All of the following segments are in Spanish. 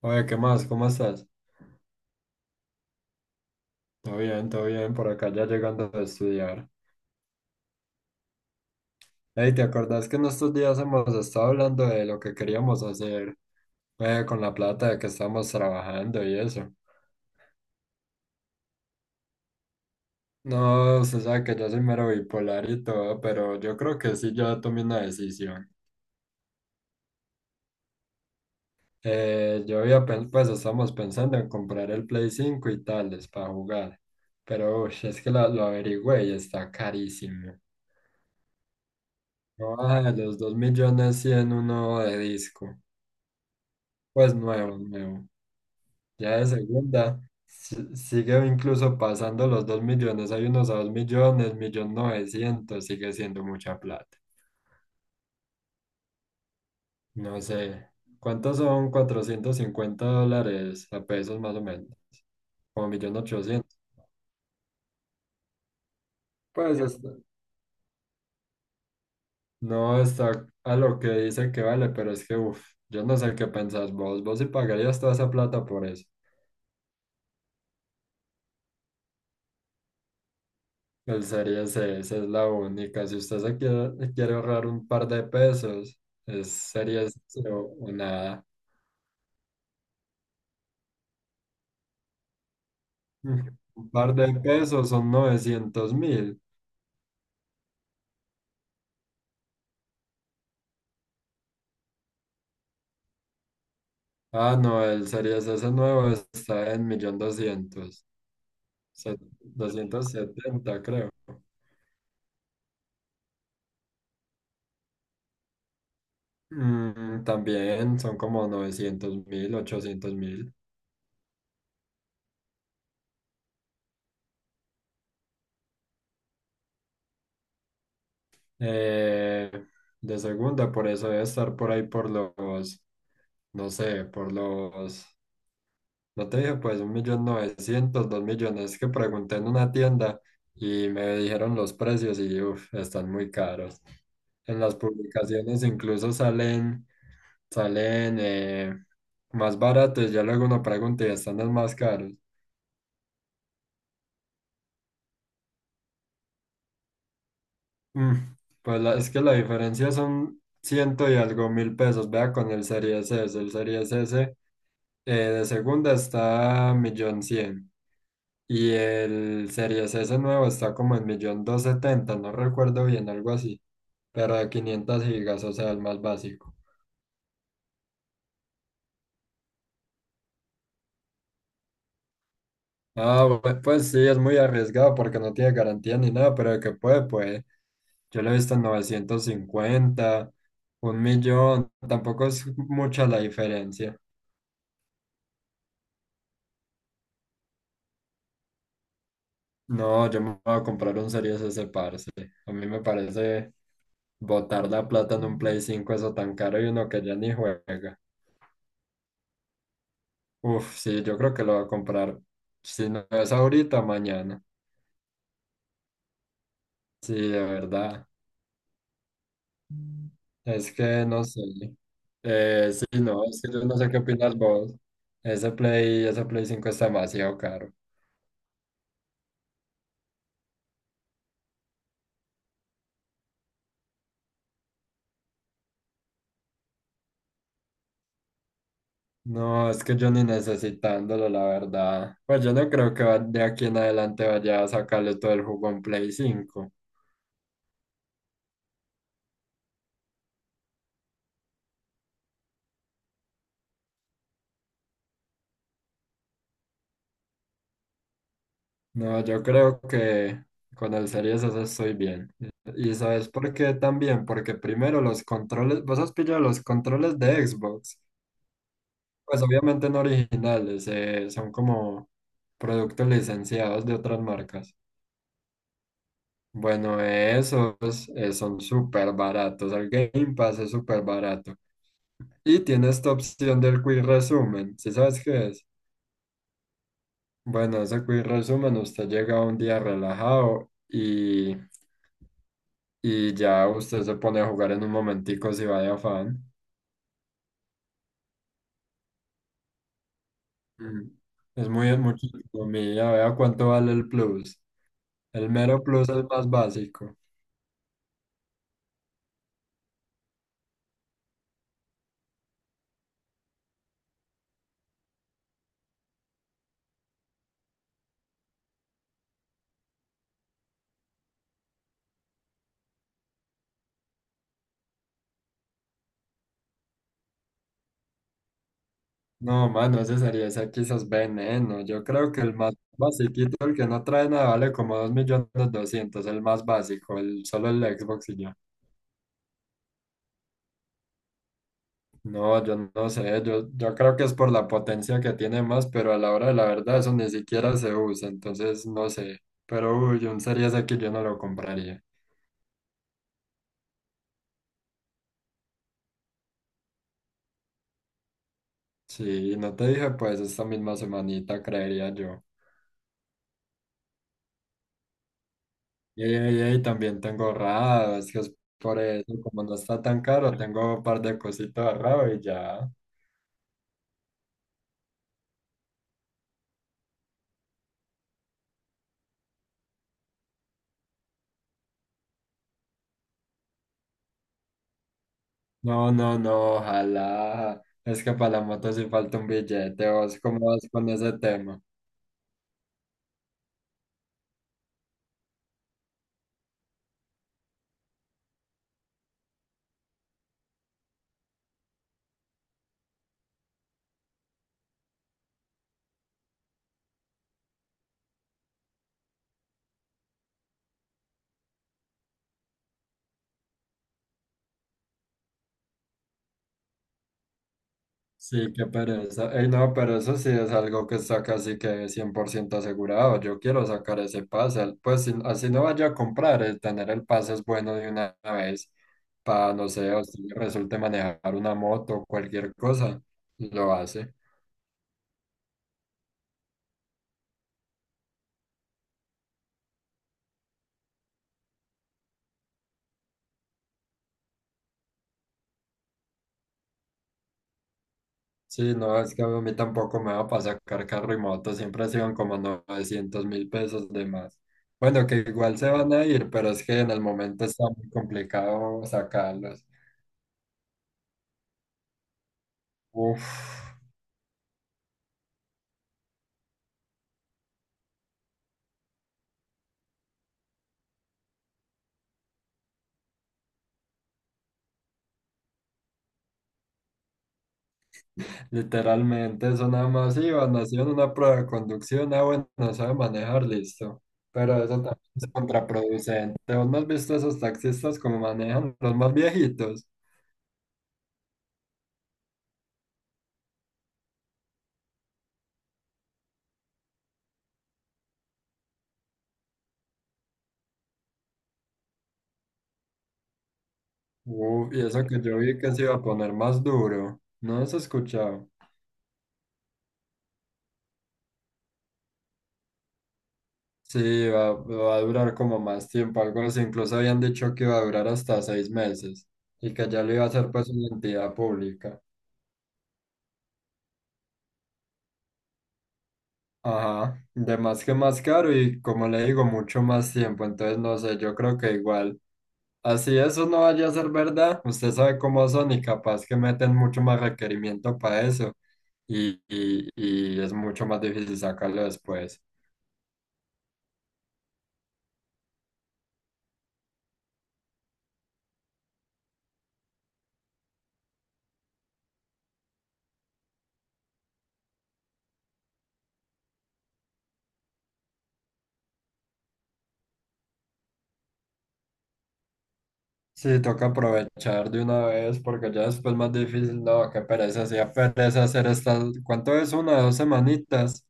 Oye, ¿qué más? ¿Cómo estás? Todo bien, por acá ya llegando a estudiar. Ey, ¿te acordás que en estos días hemos estado hablando de lo que queríamos hacer con la plata de que estamos trabajando y eso? No, se sabe que yo soy mero bipolar y todo, pero yo creo que sí, yo tomé una decisión. Pues estamos pensando en comprar el Play 5 y tales para jugar, pero uy, es que lo averigüé y está carísimo. No baja de los 2 millones cien, uno de disco. Pues nuevo, nuevo. Ya de segunda sigue incluso pasando los dos millones. Hay unos a dos millones, millón novecientos, sigue siendo mucha plata. No sé, ¿cuántos son 450 dólares a pesos más o menos? Como millón ochocientos. Pues no está a lo que dice que vale, pero es que, uff, yo no sé qué pensás vos. Vos sí pagarías toda esa plata por eso. Alzaría ese, esa es la única. Si usted quiere ahorrar un par de pesos, sería eso o nada. Un par de pesos son 900.000. Ah, no, el Series S nuevo está en 1.200.000, doscientos setenta creo. Mm, también son como 900 mil, 800 mil. Eh, de segunda, por eso debe estar por ahí por los, no sé, por los No te dije, pues, un millón novecientos, dos millones. Es que pregunté en una tienda y me dijeron los precios y, uff, están muy caros. En las publicaciones incluso salen más baratos. Ya luego uno pregunta y están los más caros. Mm, pues es que la diferencia son ciento y algo mil pesos. Vea con el Series S. El Series S de segunda está millón cien. Y el Series S nuevo está como en millón dos setenta, no recuerdo bien, algo así. Pero de 500 gigas, o sea, el más básico. Ah, pues sí, es muy arriesgado porque no tiene garantía ni nada, pero de que puede, puede. Yo lo he visto en novecientos cincuenta, un millón, tampoco es mucha la diferencia. No, yo me voy a comprar un Series S, parce. A mí me parece botar la plata en un Play 5 eso tan caro y uno que ya ni juega. Uf, sí, yo creo que lo voy a comprar. Si no es ahorita, mañana. Sí, de verdad. Es que no sé. Sí, no, es que yo no sé qué opinas vos. Ese Play 5 está demasiado caro. No, es que yo ni necesitándolo, la verdad. Pues yo no creo que de aquí en adelante vaya a sacarle todo el jugo en Play cinco. No, yo creo que con el Series S estoy bien. ¿Y sabes por qué también? Porque primero los controles, vos has pillado los controles de Xbox. Pues obviamente no originales, son como productos licenciados de otras marcas. Bueno, esos son súper baratos. El Game Pass es súper barato. Y tiene esta opción del Quick Resumen. ¿Sí sabes qué es? Bueno, ese Quick Resumen, usted llega un día relajado y ya usted se pone a jugar en un momentico si va de afán. Mm. Es mucha economía, vea cuánto vale el plus. El mero plus es más básico. No, mano, ese sería, ese quizás veneno. Yo creo que el más basiquito, el que no trae nada, vale como dos millones doscientos el más básico, solo el Xbox y ya. No, yo no sé, yo creo que es por la potencia que tiene más, pero a la hora de la verdad eso ni siquiera se usa, entonces no sé. Pero uy, un Series X yo no lo compraría. Sí, no te dije, pues esta misma semanita creería yo. Y también tengo ahorrado, es que es por eso, como no está tan caro, tengo un par de cositas ahorrado y ya. No, no, no, ojalá. Es que para la moto sí falta un billete, vos cómo vas con ese tema. Sí, qué pereza. Ey, no, pero eso sí es algo que está casi que 100% asegurado. Yo quiero sacar ese pase. Pues así no vaya a comprar, el tener el pase es bueno de una vez para, no sé, o si resulte manejar una moto o cualquier cosa, lo hace. Sí, no, es que a mí tampoco me va para sacar carro y moto. Siempre se iban como 900 mil pesos de más. Bueno, que igual se van a ir, pero es que en el momento está muy complicado sacarlos. Uf. Literalmente, eso nada más iba, nació en una prueba de conducción, ah, bueno, no sabe manejar, listo. Pero eso también es contraproducente. ¿Vos no has visto esos taxistas como manejan los más viejitos? Uf, y eso que yo vi que se iba a poner más duro. ¿No has escuchado? Sí, va a durar como más tiempo, algo así. Incluso habían dicho que iba a durar hasta 6 meses y que ya lo iba a hacer pues una entidad pública. Ajá, de más que más caro y como le digo, mucho más tiempo. Entonces, no sé, yo creo que igual. Así eso no vaya a ser verdad. Usted sabe cómo son y capaz que meten mucho más requerimiento para eso y es mucho más difícil sacarlo después. Sí, toca aprovechar de una vez porque ya después más difícil. No, qué pereza, hacía pereza hacer estas. ¿Cuánto es una? Dos semanitas.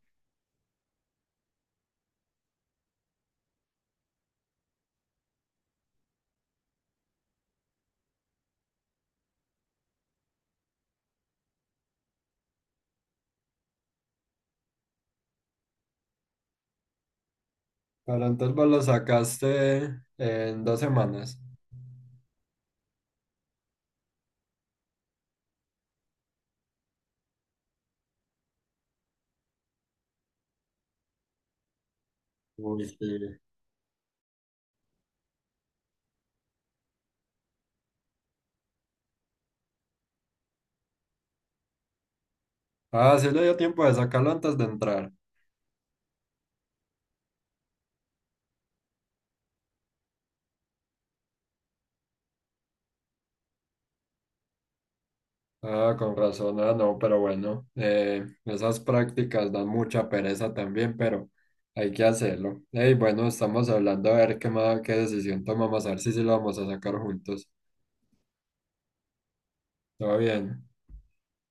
Pero entonces vos lo sacaste en 2 semanas. Uy, sí. Ah, sí le dio tiempo de sacarlo antes de entrar. Ah, con razón. Ah, no, pero bueno, esas prácticas dan mucha pereza también, pero hay que hacerlo. Hey, bueno, estamos hablando a ver qué decisión tomamos, a ver si sí lo vamos a sacar juntos. Todo bien.